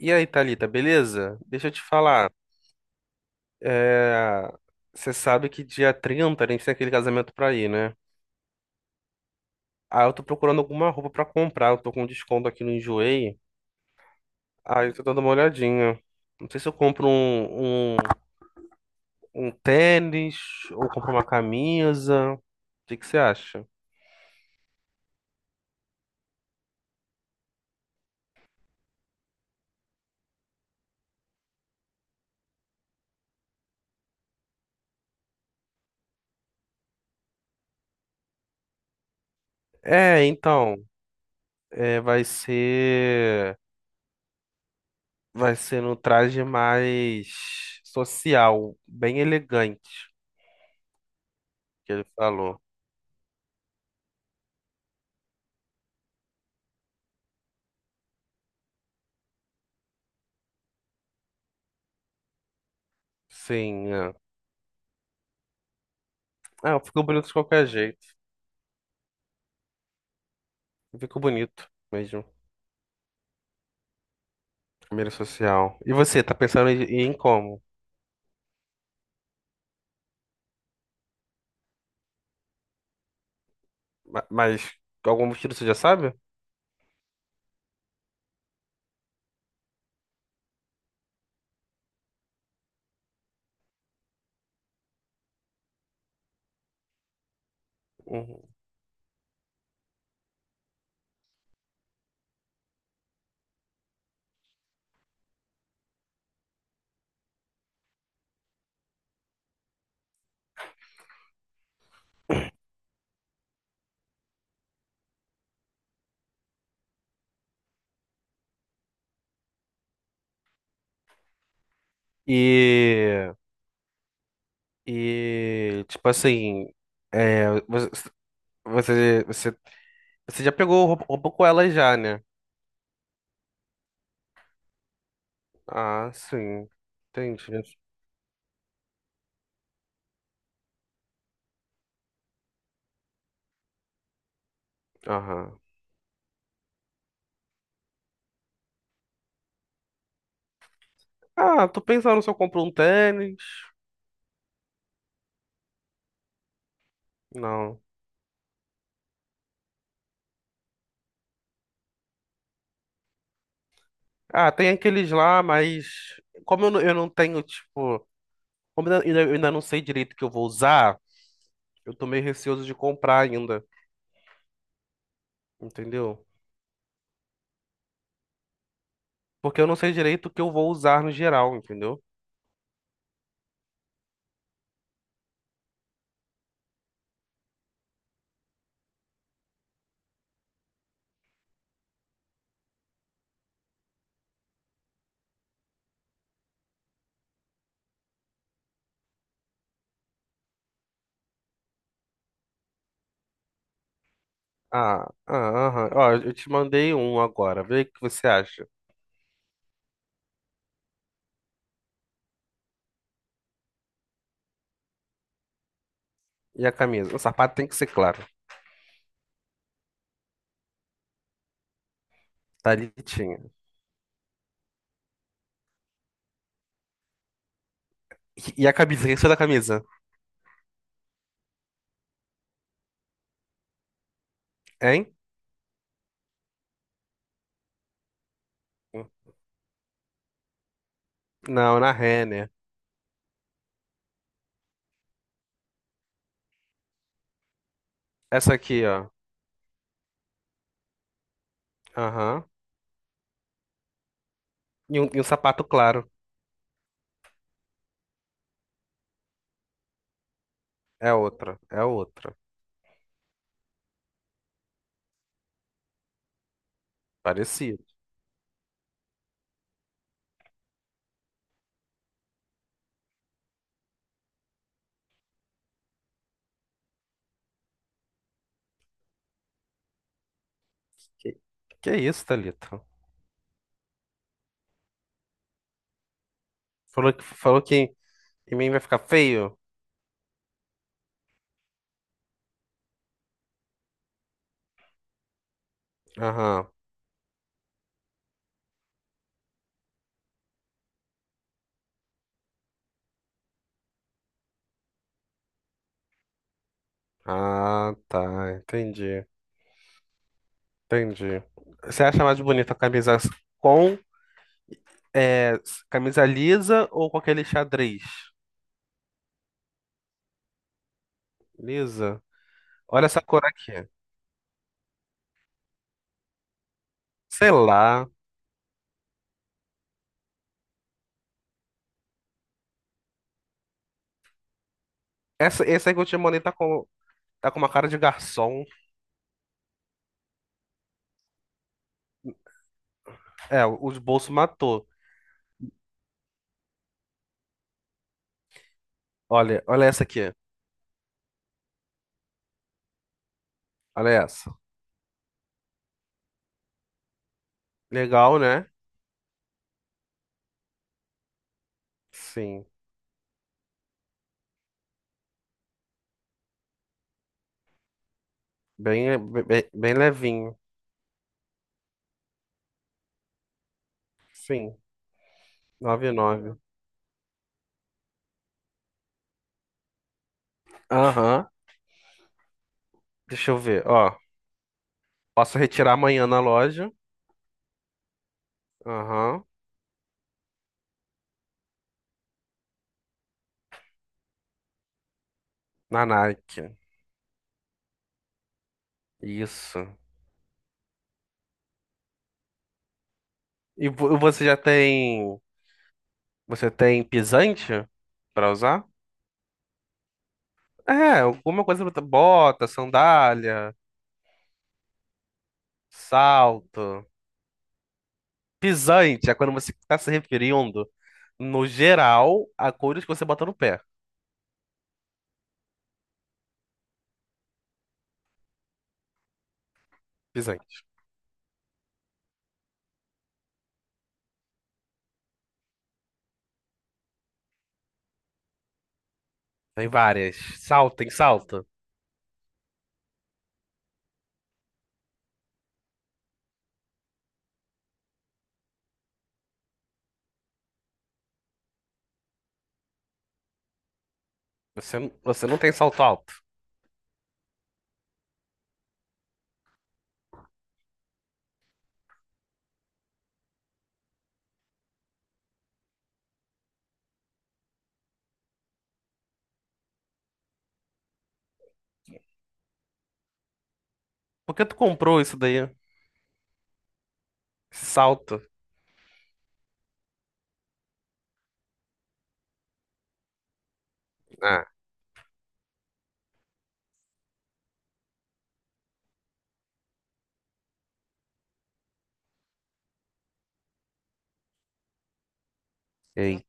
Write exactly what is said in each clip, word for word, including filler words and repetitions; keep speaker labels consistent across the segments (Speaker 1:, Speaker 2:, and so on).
Speaker 1: E aí, Thalita, beleza? Deixa eu te falar. É... Você sabe que dia trinta a gente tem aquele casamento pra ir, né? Ah, eu tô procurando alguma roupa pra comprar. Eu tô com desconto aqui no Enjoei. Ah, eu tô dando uma olhadinha. Não sei se eu compro um, um, um tênis ou compro uma camisa. O que que você acha? É, então. É, vai ser. Vai ser no traje mais social, bem elegante, que ele falou. Sim, é. Ah, ficou bonito de qualquer jeito. Ficou bonito mesmo. Primeira social. E você, tá pensando em, em como? Ma- Mas algum motivo você já sabe? Uhum. E, e tipo assim, é, você, você, você você já pegou roupa, roupa com ela já, né? Ah, sim. Entendi. Aham. Ah, tô pensando se eu compro um tênis. Não. Ah, tem aqueles lá, mas como eu não, eu não tenho, tipo, como eu ainda, eu ainda não sei direito o que eu vou usar. Eu tô meio receoso de comprar ainda, entendeu? Porque eu não sei direito o que eu vou usar no geral, entendeu? Ah, ah, aham. Ó, eu te mandei um agora. Vê o que você acha. E a camisa? O sapato tem que ser claro. Tá litinha. E e a camisa? O que você da camisa? Hein? Não, na Renner. Essa aqui, ó. Aham. E um, e um sapato claro. É outra. É outra. Parecido. Que, que isso, Thalita? Falou que, falou que em mim vai ficar feio? Aham. Ah, tá. Entendi. Entendi. Você acha mais bonita a camisa com é, camisa lisa ou com aquele xadrez? Lisa. Olha essa cor aqui. Sei lá. Essa, esse aí que eu te mandei tá com, tá com uma cara de garçom. É, os bolsos matou. Olha, olha essa aqui. Olha essa. Legal, né? Sim. Bem, bem, bem levinho. Sim. Noventa e nove. Aham. Deixa eu ver. Ó, posso retirar amanhã na loja. Aham. Na Nike. Isso. E vo- você já tem. Você tem pisante pra usar? É, alguma coisa. Bota, sandália, salto. Pisante é quando você está se referindo, no geral, a coisas que você bota no pé. Pisante. Tem várias. Salto, tem salto. Você, não- você não tem salto alto. Por que tu comprou isso daí? Esse salto. Ah, ei.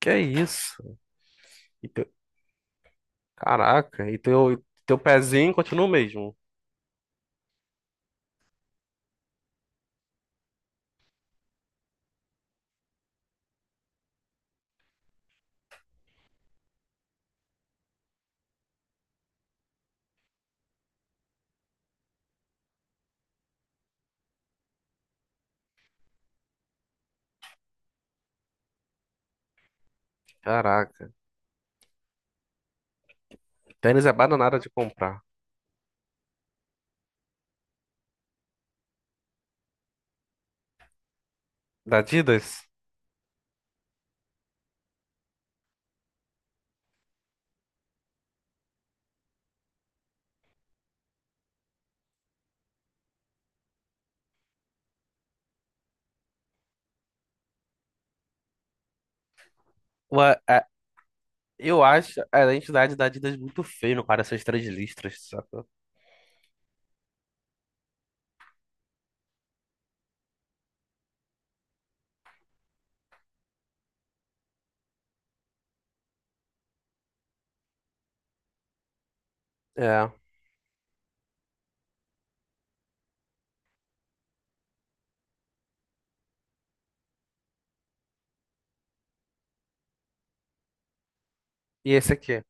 Speaker 1: Que isso? E teu- Caraca, e teu, teu pezinho continua o mesmo. Caraca. Tênis é bananada de comprar. Da Adidas? Ua- é, eu acho a entidade da Adidas muito feio no cara, essas três listras, saca? É. E esse aqui?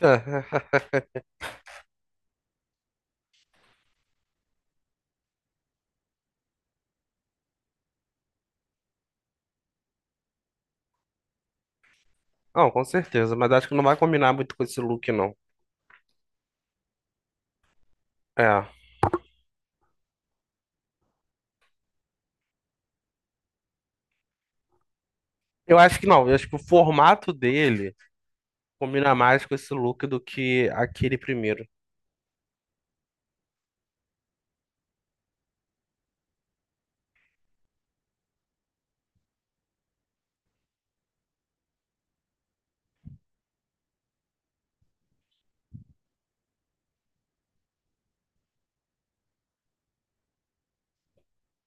Speaker 1: Não, com certeza, mas acho que não vai combinar muito com esse look, não. É. Eu acho que não, eu acho que o formato dele combina mais com esse look do que aquele primeiro.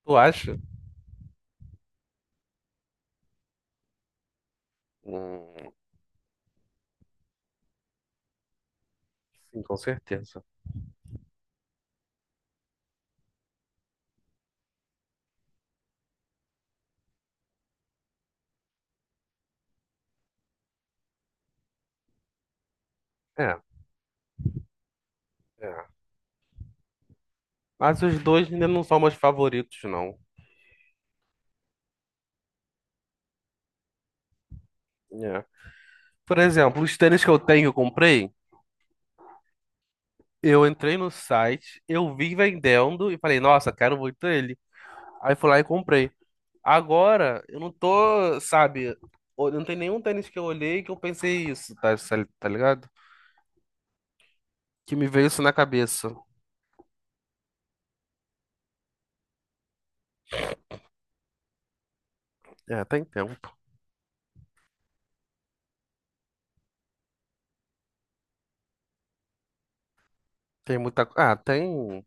Speaker 1: Tu acha? Hum, sim, com certeza. É, é. Mas os dois ainda não são meus favoritos, não. É. Por exemplo, os tênis que eu tenho, eu comprei. Eu entrei no site, eu vi vendendo e falei, nossa, quero muito ele. Aí fui lá e comprei. Agora, eu não tô, sabe, ol- não tem nenhum tênis que eu olhei que eu pensei isso, tá, sa- tá ligado? Que me veio isso na cabeça. É, tem tempo. Tem muita. co- Ah, tem.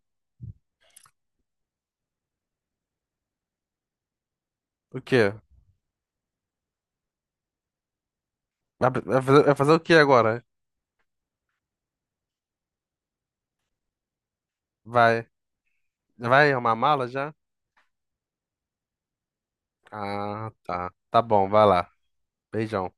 Speaker 1: O quê? Vai vai fazer vai fazer o quê agora? Vai. Vai arrumar a mala já? Ah, tá. Tá bom, vai lá. Beijão.